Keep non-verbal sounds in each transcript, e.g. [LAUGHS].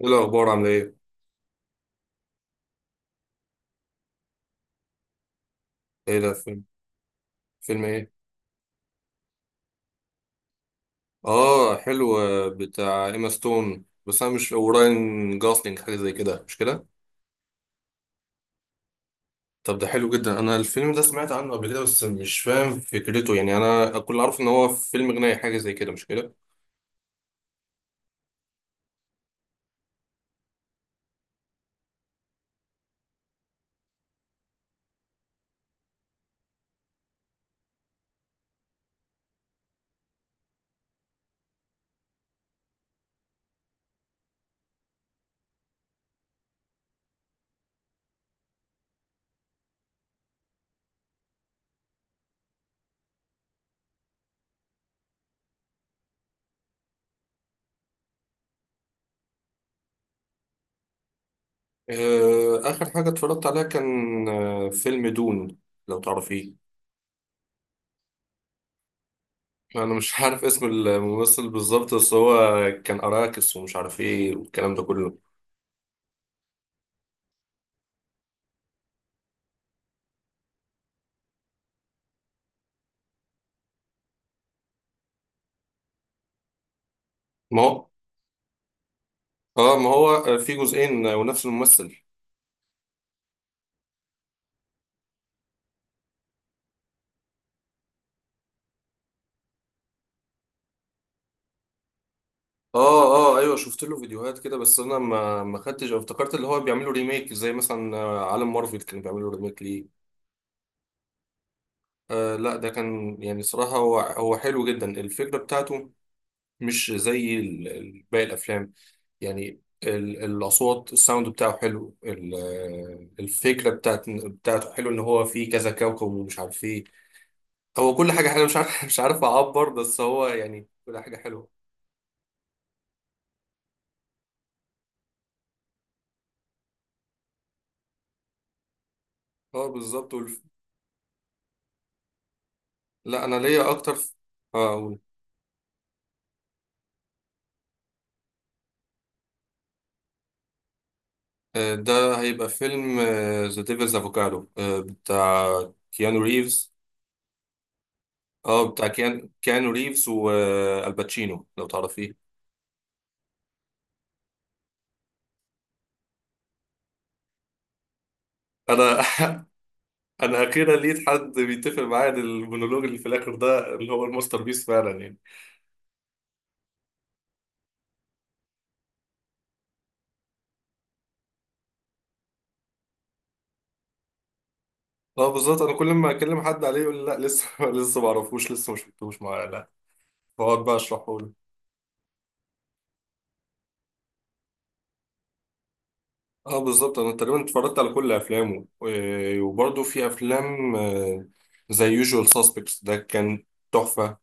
ايه الاخبار عامله ايه؟ ايه ده فيلم؟ فيلم ايه؟ اه حلو، بتاع ايما ستون، بس انا مش وراين جوسلينج حاجه زي كده، مش كده؟ طب ده حلو جدا. انا الفيلم ده سمعت عنه قبل كده، بس مش فاهم فكرته يعني. انا كل عارف ان هو فيلم غنائي حاجه زي كده، مش كده؟ آه اخر حاجه اتفرجت عليها كان فيلم دون، لو تعرفيه. انا مش [LAUGHS] عارف اسم الممثل بالظبط، بس هو كان اراكس ومش عارف ايه والكلام ده كله. ما هو اه، ما هو، في جزئين، ونفس الممثل. اه اه ايوه، شفت له فيديوهات كده، بس انا ما خدتش أو افتكرت اللي هو بيعملوا ريميك، زي مثلا عالم مارفل كانوا بيعملوا ريميك ليه. آه لا، ده كان يعني صراحة هو حلو جدا الفكرة بتاعته. مش زي باقي الافلام، يعني الاصوات، الساوند بتاعه حلو، الفكرة بتاعته حلو، ان هو فيه كذا كوكب ومش عارف ايه. هو كل حاجة حلوة، مش عارف، [LAUGHS] مش عارف اعبر، بس هو يعني كل حاجة حلوة. اه بالظبط، والف... لا انا ليا اكتر في... اه قول. ده هيبقى فيلم ذا ديفلز افوكادو، بتاع كيانو ريفز. اه بتاع كيانو ريفز والباتشينو، لو تعرفيه. انا [LAUGHS] انا اخيرا لقيت حد بيتفق معايا إن المونولوج اللي في الاخر ده اللي هو الماستر بيس فعلا يعني. اه بالظبط، انا كل ما اكلم حد عليه يقول لي لا لسه، [LAUGHS] لسه ما اعرفوش، لسه ما شفتوش. معايا لا، بقعد بقى اشرحه له. اه بالظبط، انا تقريبا اتفرجت على كل افلامه، وبرضه في افلام، زي يوجوال ساسبكتس، ده كان تحفه.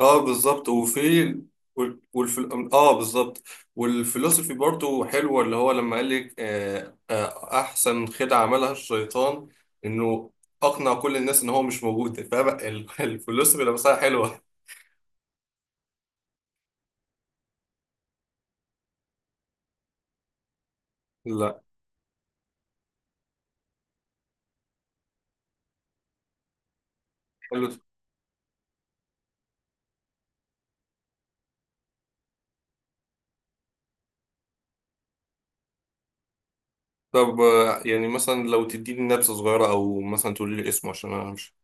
اه بالظبط، وفي والف... اه بالظبط، والفلسفي برضو حلوه، اللي هو لما قال لك احسن خدعه عملها الشيطان انه اقنع كل الناس ان هو مش موجود، فبقى [LAUGHS] الفلسفي لمسها حلوه. لا حلو. طب، يعني مثلا لو تديني نبذه صغيره، او مثلا تقولي لي اسمه، عشان انا مش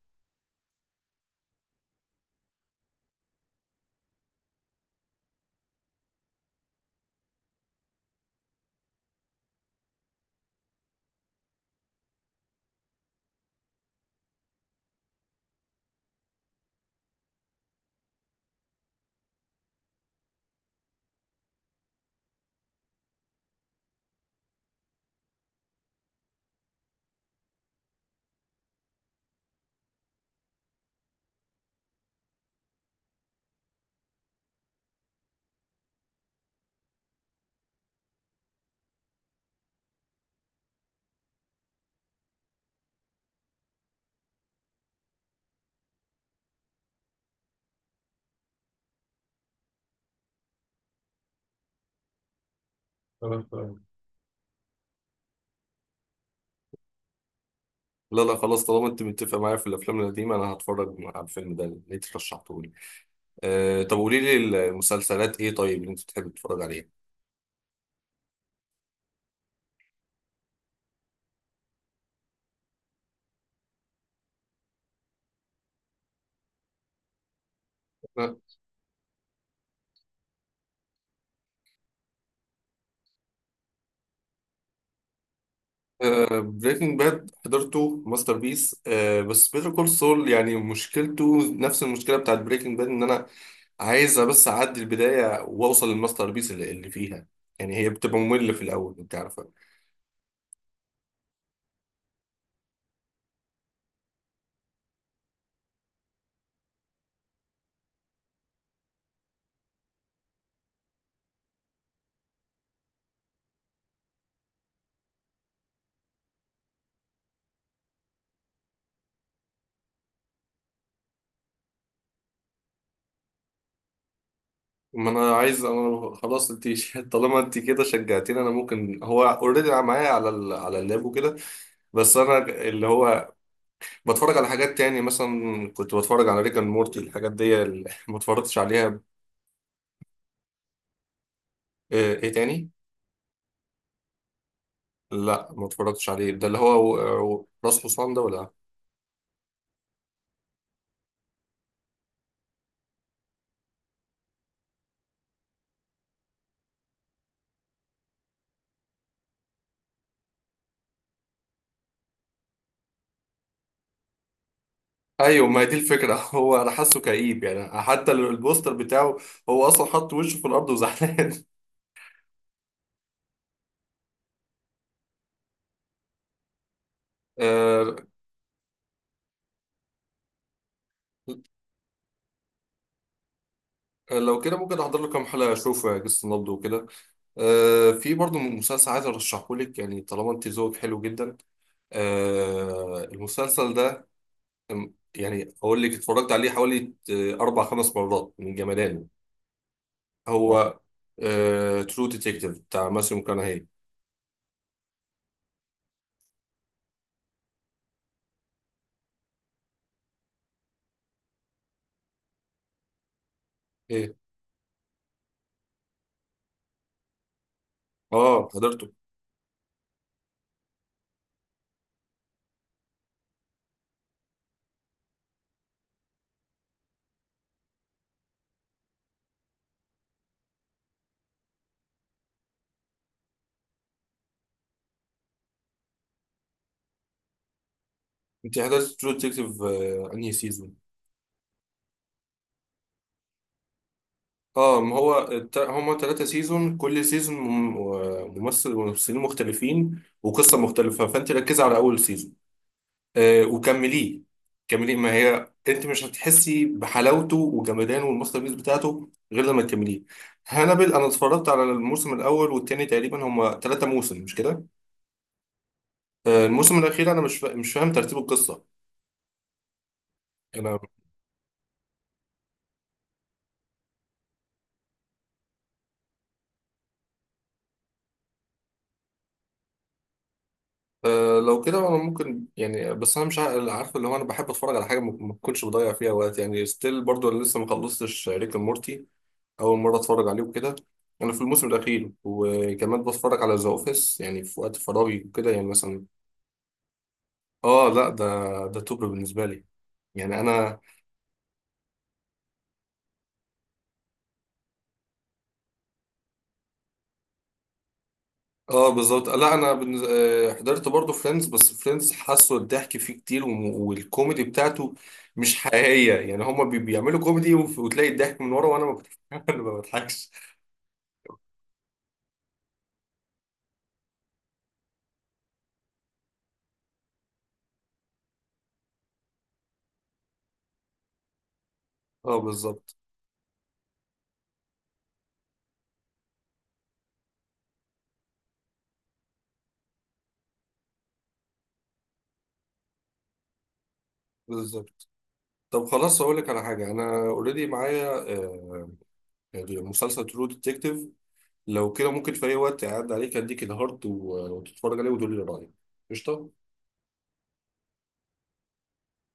خلاص. تمام. لا لا خلاص، طالما انت متفق معايا في الافلام القديمه انا هتفرج على الفيلم ده اللي انت رشحته لي. آه طب قولي لي المسلسلات ايه طيب اللي انت بتحب تتفرج عليها؟ بريكنج باد حضرته ماستر بيس، بس بيتر كول سول يعني مشكلته نفس المشكله بتاعت بريكنج باد، ان انا عايزه بس اعدي البدايه واوصل للماستر بيس اللي فيها يعني. هي بتبقى ممله في الاول، انت عارفه. ما انا عايز، انا خلاص انت [LAUGHS] طالما انت كده شجعتيني انا ممكن هو اوريدي معايا على ال... على اللاب وكده. بس انا اللي هو بتفرج على حاجات تاني، مثلا كنت بتفرج على ريكان مورتي، الحاجات دي اللي [LAUGHS] ما اتفرجتش عليها. ايه تاني؟ لا ما اتفرجتش عليه، ده اللي هو راس حصان ده ولا؟ ايوه، ما هي دي الفكره. [LAUGHS] هو انا حاسه كئيب، يعني حتى البوستر بتاعه هو اصلا حط وشه في الارض وزعلان. [LAUGHS] آه، لو كده ممكن احضر له كام حلقه اشوفه، يا جس نبضه وكده. في برضه مسلسل عايز ارشحه لك، يعني طالما انت ذوقك حلو جدا. المسلسل ده يعني اقول لك اتفرجت عليه حوالي اربع خمس مرات من جمدانه. آه. هو ترو ديتكتيف، بتاع ماسيو مكانهي. ايه؟ اه حضرته. انت حضرت ترو ديتكتيف انهي سيزون؟ اه، ما هو هما ثلاثة سيزون، كل سيزون ممثل وممثلين مختلفين وقصة مختلفة، فانت ركز على اول سيزون، وكمليه. كمليه، ما هي انت مش هتحسي بحلاوته وجمدانه والماستر بيس بتاعته غير لما تكمليه. هانبل انا اتفرجت على الموسم الاول والتاني، تقريبا هما ثلاثة موسم، مش كده؟ الموسم الاخير انا مش فا... مش فاهم ترتيب القصه انا. لو كده انا ممكن يعني، بس انا مش عارف، اللي هو انا بحب اتفرج على حاجه ما بكونش بضيع فيها وقت يعني. ستيل برضو انا لسه ما خلصتش ريك اند مورتي، اول مره اتفرج عليه وكده. انا في الموسم الاخير، وكمان بتفرج على ذا اوفيس يعني في وقت فراغي وكده يعني، مثلا. اه لا ده ده توب بالنسبه لي، يعني انا. اه بالظبط، لا انا بالنز... حضرت برضو فريندز، بس فريندز حاسه الضحك فيه كتير، وم... والكوميدي بتاعته مش حقيقيه يعني، هما بي... بيعملوا كوميدي وف... وتلاقي الضحك من ورا، وانا ما بت- [LAUGHS] أنا ما بضحكش. اه بالظبط بالظبط. طب خلاص اقول لك على حاجه انا اوريدي معايا، آه، مسلسل ترو ديتكتيف. لو كده ممكن في اي وقت اعد عليك اديك الهارد و... وتتفرج عليه وتقول لي رايك. قشطه